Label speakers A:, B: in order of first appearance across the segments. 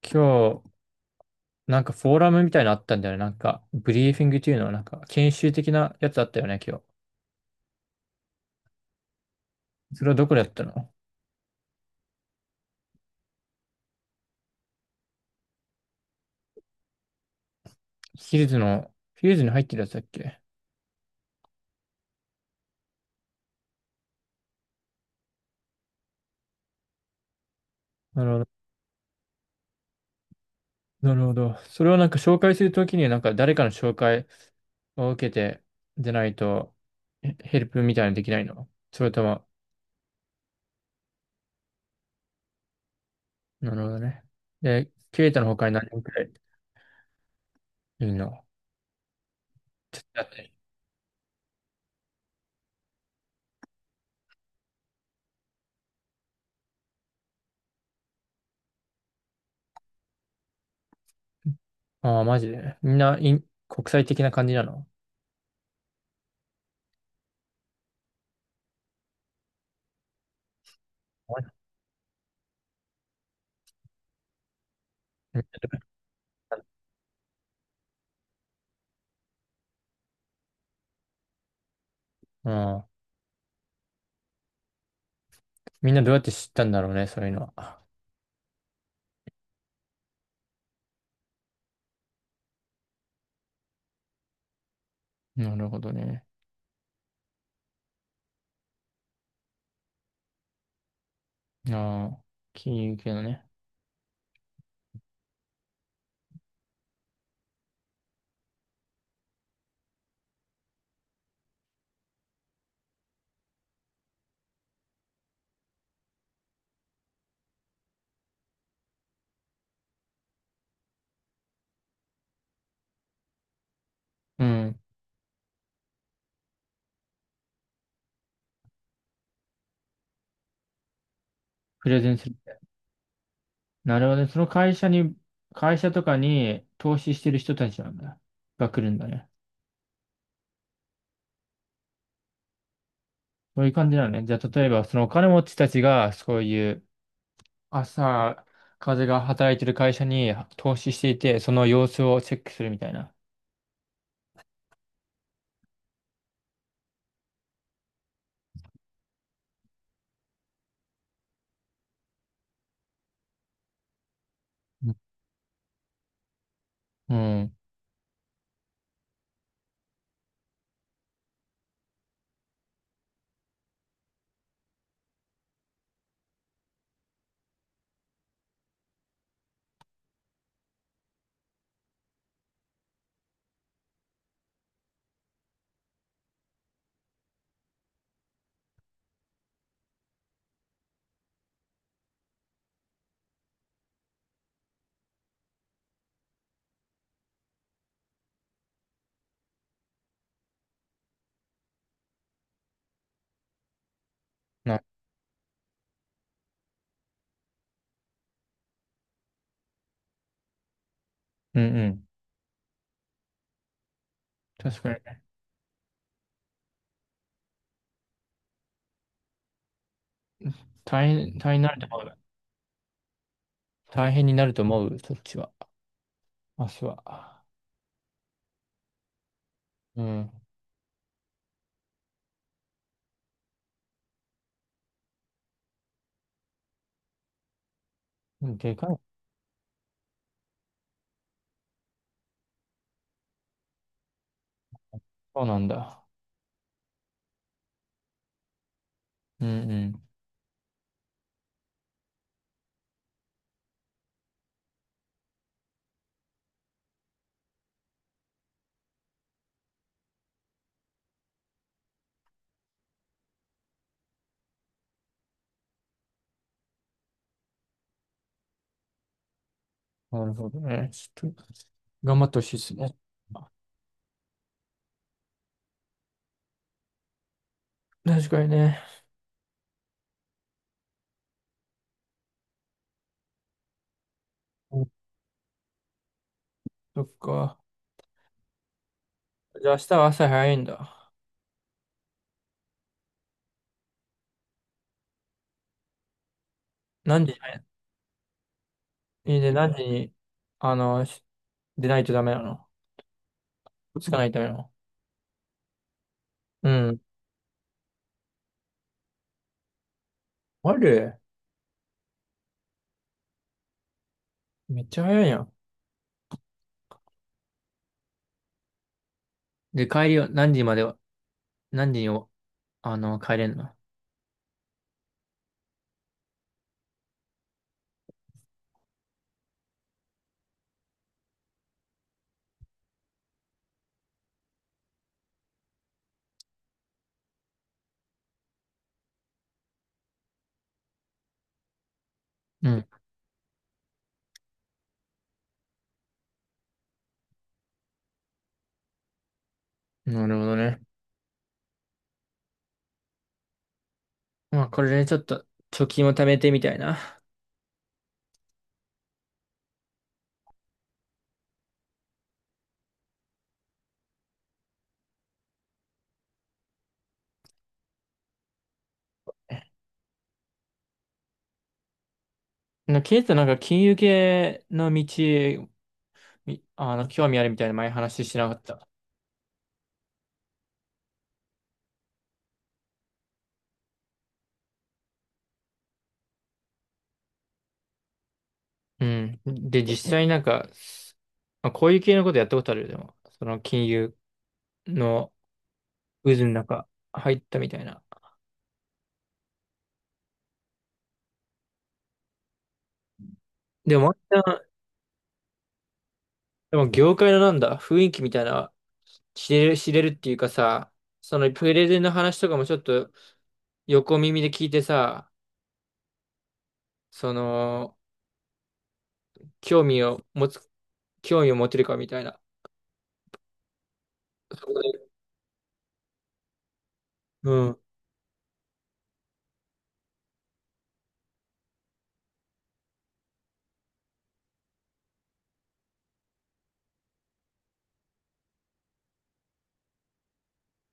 A: 今日、なんかフォーラムみたいなのあったんだよね。なんか、ブリーフィングっていうの、はなんか、研修的なやつあったよね、今日。それはどこでやったの？ヒルズの、ヒルズに入ってるやつだっけ？なるほど。なるほど。それをなんか紹介するときに、なんか誰かの紹介を受けて、でないと、ヘルプみたいなのできないの？それとも、なるほどね。で、ケイタの他に何人くらいいるの？ちょっとやって。ああ、マジで。みんな、国際的な感じなの？ああー。みんなどうやって知ったんだろうね、そういうのは。なるほどね。ああ、金融系のね。うん。プレゼンするって。なるほどね。会社とかに投資してる人たちなんだ。が来るんだね。そういう感じなのね。じゃあ、例えば、そのお金持ちたちが、そういう朝、風が働いてる会社に投資していて、その様子をチェックするみたいな。うん。うん。な、うんうん。確かに。大変、大変になると思う。大変になると思う、そっちは。明日は。うん。うん、でかい。そうなんだ。うんうん。なるほどね。ちょっと、頑張ってほしいですね。確かにね。うん、そっか。じゃあ明日は朝早いんだ。何時に、いいね、何時に、あの、し出ないとダメなの？つかないとダメなの？うん。あれ、めっちゃ早いやん。で、帰りは何時までは、何時にお、帰れんの？うん。なるほどね。まあ、これでちょっと、貯金を貯めてみたいな。ケイトなんか金融系の道、みあの、興味あるみたいな前話してなかった？うん。で、実際なんか、まあ、こういう系のことやったことあるよ、でも。その金融の渦の中入ったみたいな。でも、またでも業界のなんだ、雰囲気みたいな、知れるっていうかさ、そのプレゼンの話とかもちょっと横耳で聞いてさ、その、興味を持つ、興味を持てるかみたいな。そこで、うん。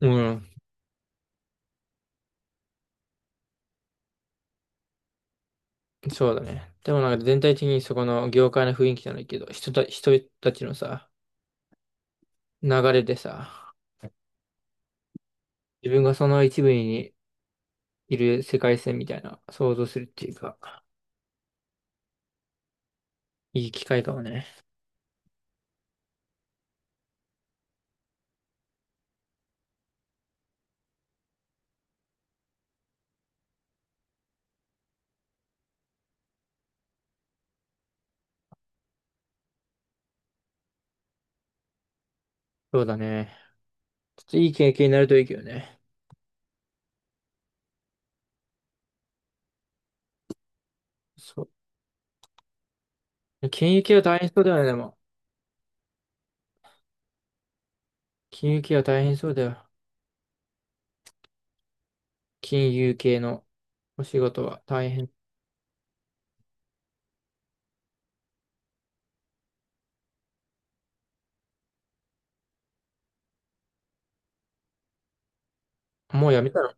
A: うん。そうだね。でもなんか全体的にそこの業界の雰囲気じゃないけど、人たちのさ、流れでさ、自分がその一部にいる世界線みたいな想像するっていうか、いい機会かもね。そうだね。ちょっといい経験になるといいけどね。そう。金融系は大変そうだよね、でも。金融系は大変そうだよ。金融系のお仕事は大変。もうやめたの？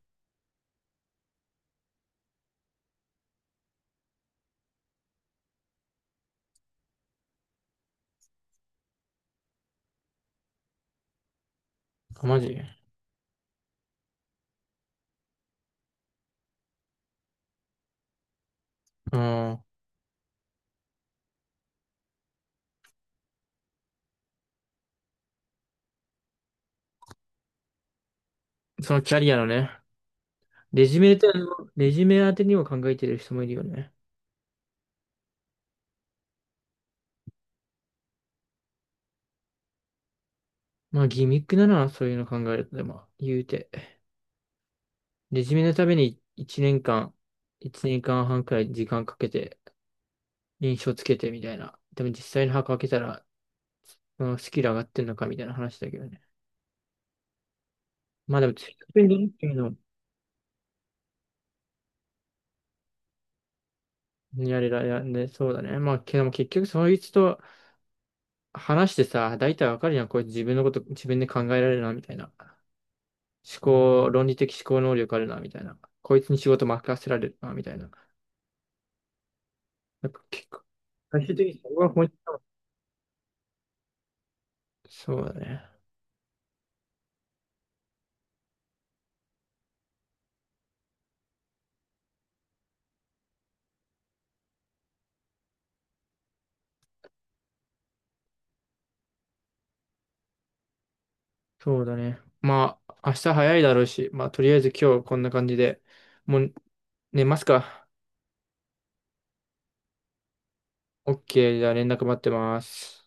A: マジ。うん。そのキャリアのね。レジュメっての、レジュメ当てにも考えてる人もいるよね。まあ、ギミックだな、そういうの考えると、でも、言うて。レジュメのために1年間、1年間半くらい時間かけて、印象つけてみたいな。でも実際の箱開けたら、うん、スキル上がってんのかみたいな話だけどね。まあでも、ツイッターにっていうのやれらやね、そうだね。まあ、けども結局そいつと話してさ、大体わかるやん。これ自分のこと自分で考えられるな、みたいな。論理的思考能力あるな、みたいな。こいつに仕事任せられるな、みたいな。なんか結構、最終的にそこが本質だもん。そうだね。そうだね。まあ、明日早いだろうし、まあ、とりあえず今日こんな感じで、もう寝ますか。OK、じゃあ連絡待ってます。